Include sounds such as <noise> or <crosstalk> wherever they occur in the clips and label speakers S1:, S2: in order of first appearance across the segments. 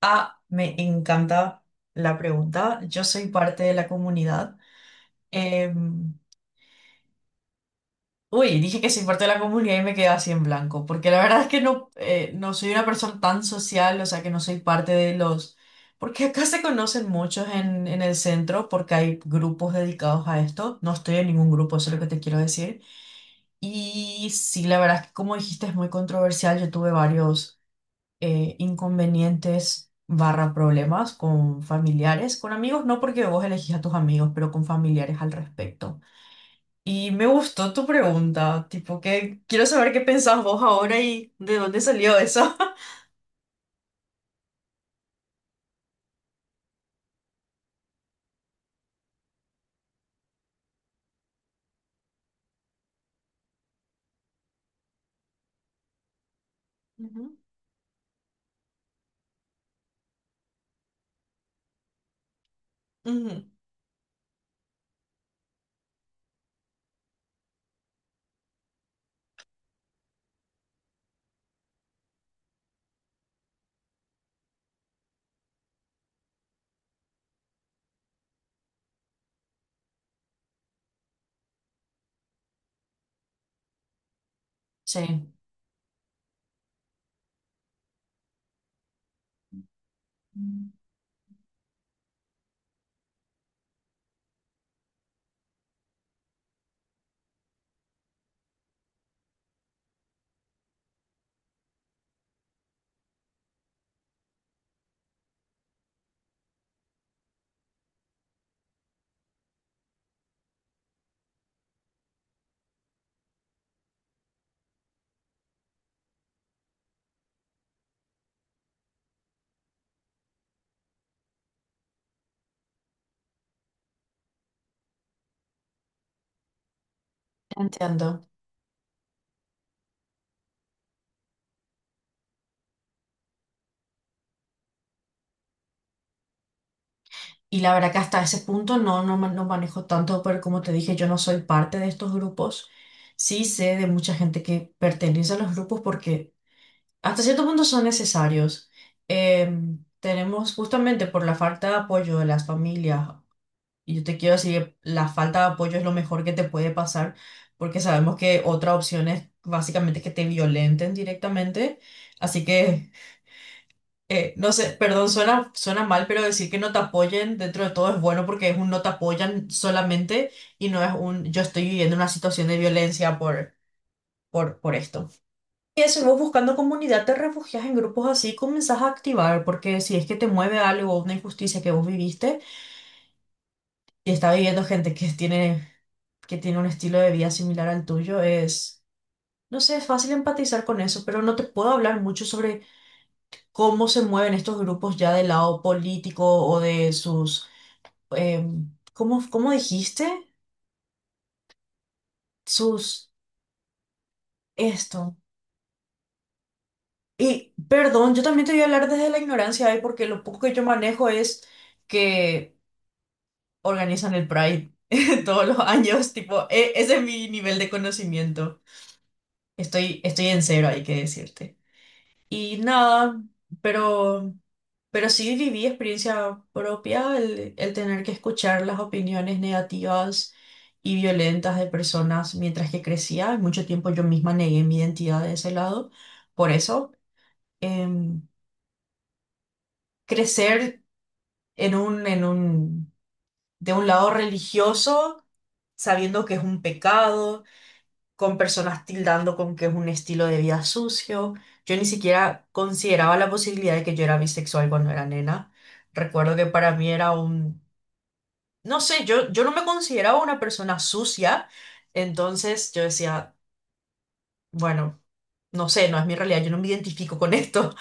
S1: Ah, me encanta la pregunta. Yo soy parte de la comunidad. Em, Uy, dije que soy parte de la comunidad y me quedé así en blanco, porque la verdad es que no, no soy una persona tan social, o sea que no soy parte de los... Porque acá se conocen muchos en el centro, porque hay grupos dedicados a esto. No estoy en ningún grupo, eso es lo que te quiero decir. Y sí, la verdad es que como dijiste es muy controversial. Yo tuve varios inconvenientes barra problemas con familiares, con amigos, no porque vos elegís a tus amigos, pero con familiares al respecto. Y me gustó tu pregunta, tipo que quiero saber qué pensás vos ahora y de dónde salió eso. <laughs> Ujú. Ujú. Sí. Mm. Entiendo. Y la verdad que hasta ese punto no manejo tanto, pero como te dije, yo no soy parte de estos grupos. Sí sé de mucha gente que pertenece a los grupos porque hasta cierto punto son necesarios. Tenemos justamente por la falta de apoyo de las familias. Y yo te quiero decir, la falta de apoyo es lo mejor que te puede pasar, porque sabemos que otra opción es básicamente que te violenten directamente. Así que, no sé, perdón, suena mal, pero decir que no te apoyen dentro de todo es bueno porque es un no te apoyan solamente y no es un yo estoy viviendo una situación de violencia por esto. Y eso, vos buscando comunidad, te refugias en grupos así, comenzás a activar, porque si es que te mueve algo, una injusticia que vos viviste y está viviendo gente que tiene un estilo de vida similar al tuyo, es, no sé, es fácil empatizar con eso, pero no te puedo hablar mucho sobre cómo se mueven estos grupos ya del lado político o de sus, ¿cómo, cómo dijiste? Sus, esto. Y perdón, yo también te voy a hablar desde la ignorancia, ¿eh? Porque lo poco que yo manejo es que organizan el Pride <laughs> todos los años, tipo, ese es mi nivel de conocimiento. Estoy en cero, hay que decirte. Y nada, pero, pero sí viví experiencia propia el tener que escuchar las opiniones negativas y violentas de personas mientras que crecía. Y mucho tiempo yo misma negué mi identidad de ese lado. Por eso, em, crecer en un, de un lado religioso, sabiendo que es un pecado con personas tildando con que es un estilo de vida sucio. Yo ni siquiera consideraba la posibilidad de que yo era bisexual cuando era nena. Recuerdo que para mí era un, no sé, yo no me consideraba una persona sucia, entonces yo decía, bueno, no sé, no es mi realidad, yo no me identifico con esto.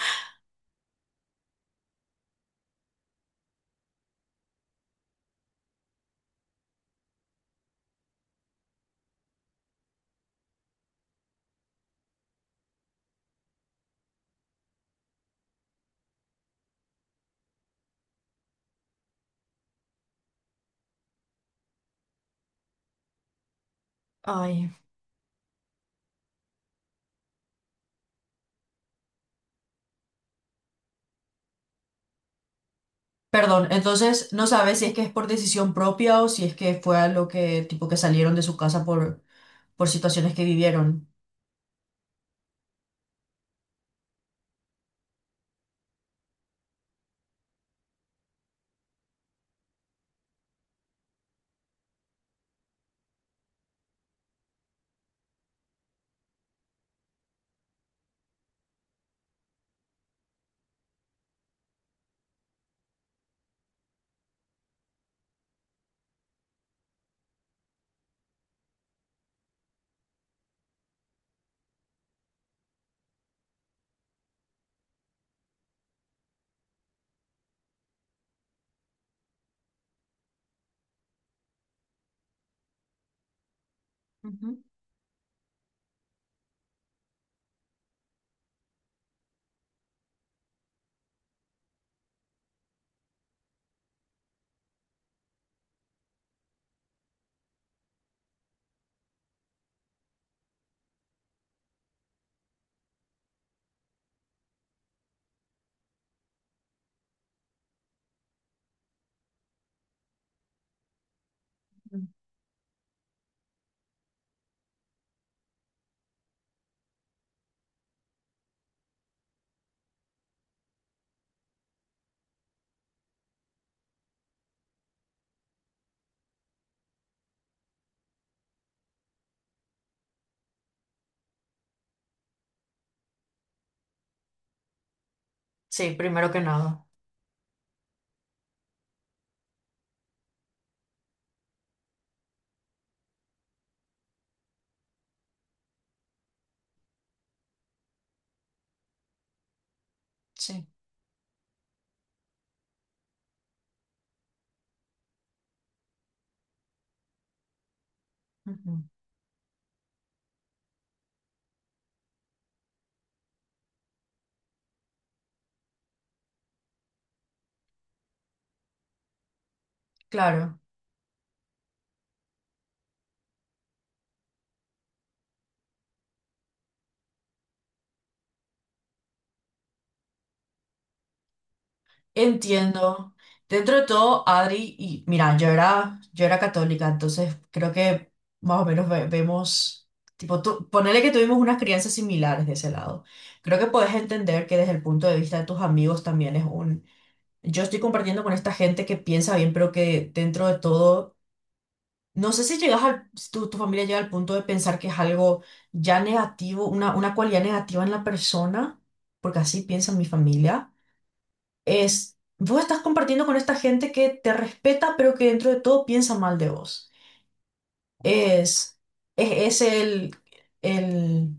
S1: Ay, perdón, entonces no sabes si es que es por decisión propia o si es que fue algo que, tipo, que salieron de su casa por situaciones que vivieron. Ujú. Sí, primero que nada. Sí. Ujú. Claro, entiendo. Dentro de todo, Adri, y mira, yo era católica, entonces creo que más o menos vemos, tipo, tú, ponele que tuvimos unas crianzas similares de ese lado. Creo que puedes entender que desde el punto de vista de tus amigos también es un, yo estoy compartiendo con esta gente que piensa bien, pero que dentro de todo, no sé si llegas al, si tu familia llega al punto de pensar que es algo ya negativo, una cualidad negativa en la persona, porque así piensa mi familia es, vos estás compartiendo con esta gente que te respeta, pero que dentro de todo piensa mal de vos. Es, es el,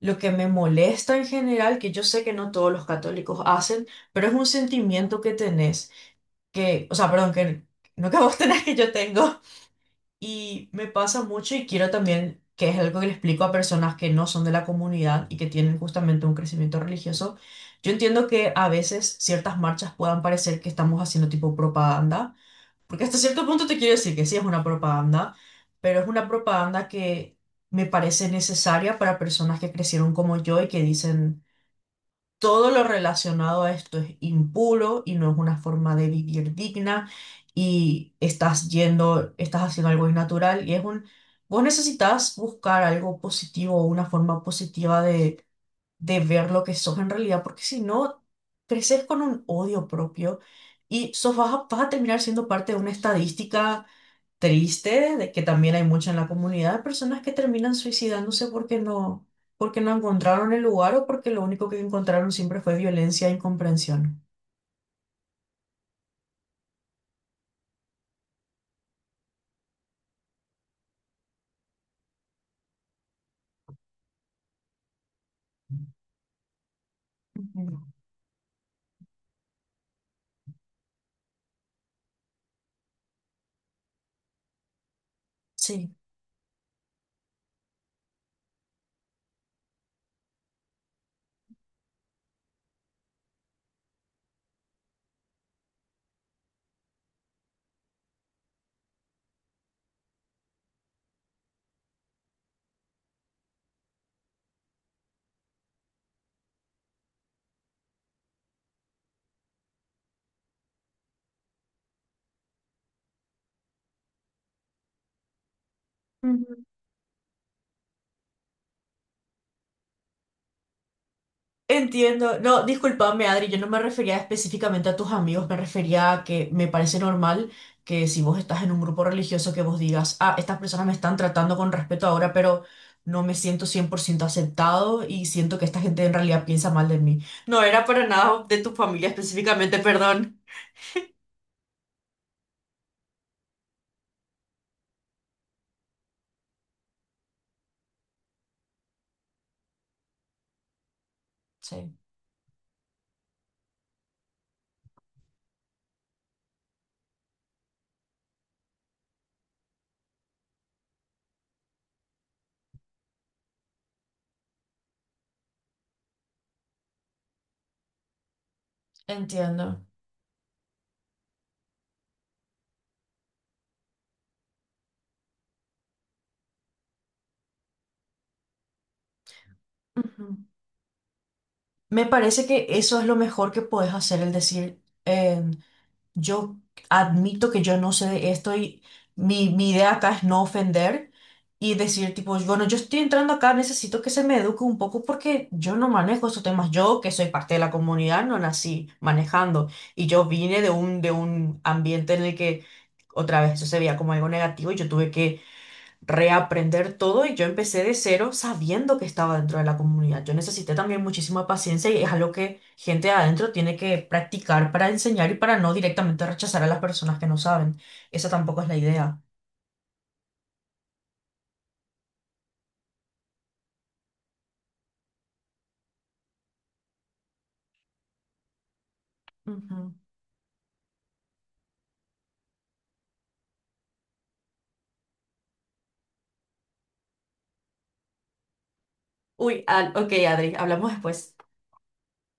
S1: lo que me molesta en general, que yo sé que no todos los católicos hacen, pero es un sentimiento que tenés, que, o sea, perdón, que no que vos <laughs> tenés, que yo tengo. Y me pasa mucho y quiero también, que es algo que le explico a personas que no son de la comunidad y que tienen justamente un crecimiento religioso, yo entiendo que a veces ciertas marchas puedan parecer que estamos haciendo tipo propaganda, porque hasta cierto punto te quiero decir que sí es una propaganda, pero es una propaganda que me parece necesaria para personas que crecieron como yo y que dicen... Todo lo relacionado a esto es impuro y no es una forma de vivir digna y estás yendo, estás haciendo algo innatural y es un, vos necesitas buscar algo positivo, una forma positiva de ver lo que sos en realidad, porque si no, creces con un odio propio y sos, vas a terminar siendo parte de una estadística triste de que también hay mucha en la comunidad, de personas que terminan suicidándose porque no encontraron el lugar o porque lo único que encontraron siempre fue violencia e incomprensión. Ujú. Sí. Entiendo. No, discúlpame, Adri, yo no me refería específicamente a tus amigos, me refería a que me parece normal que si vos estás en un grupo religioso que vos digas, ah, estas personas me están tratando con respeto ahora, pero no me siento 100% aceptado y siento que esta gente en realidad piensa mal de mí. No era para nada de tu familia específicamente, perdón. Sí, entiendo. Ujú. Me parece que eso es lo mejor que puedes hacer, el decir, yo admito que yo no sé de esto y mi idea acá es no ofender y decir tipo, bueno, yo estoy entrando acá, necesito que se me eduque un poco porque yo no manejo esos temas. Yo, que soy parte de la comunidad, no nací manejando y yo vine de un ambiente en el que otra vez eso se veía como algo negativo y yo tuve que reaprender todo y yo empecé de cero sabiendo que estaba dentro de la comunidad. Yo necesité también muchísima paciencia y es algo que gente de adentro tiene que practicar para enseñar y para no directamente rechazar a las personas que no saben. Esa tampoco es la idea. Ujú. Uy, ah, ok, Adri, hablamos después.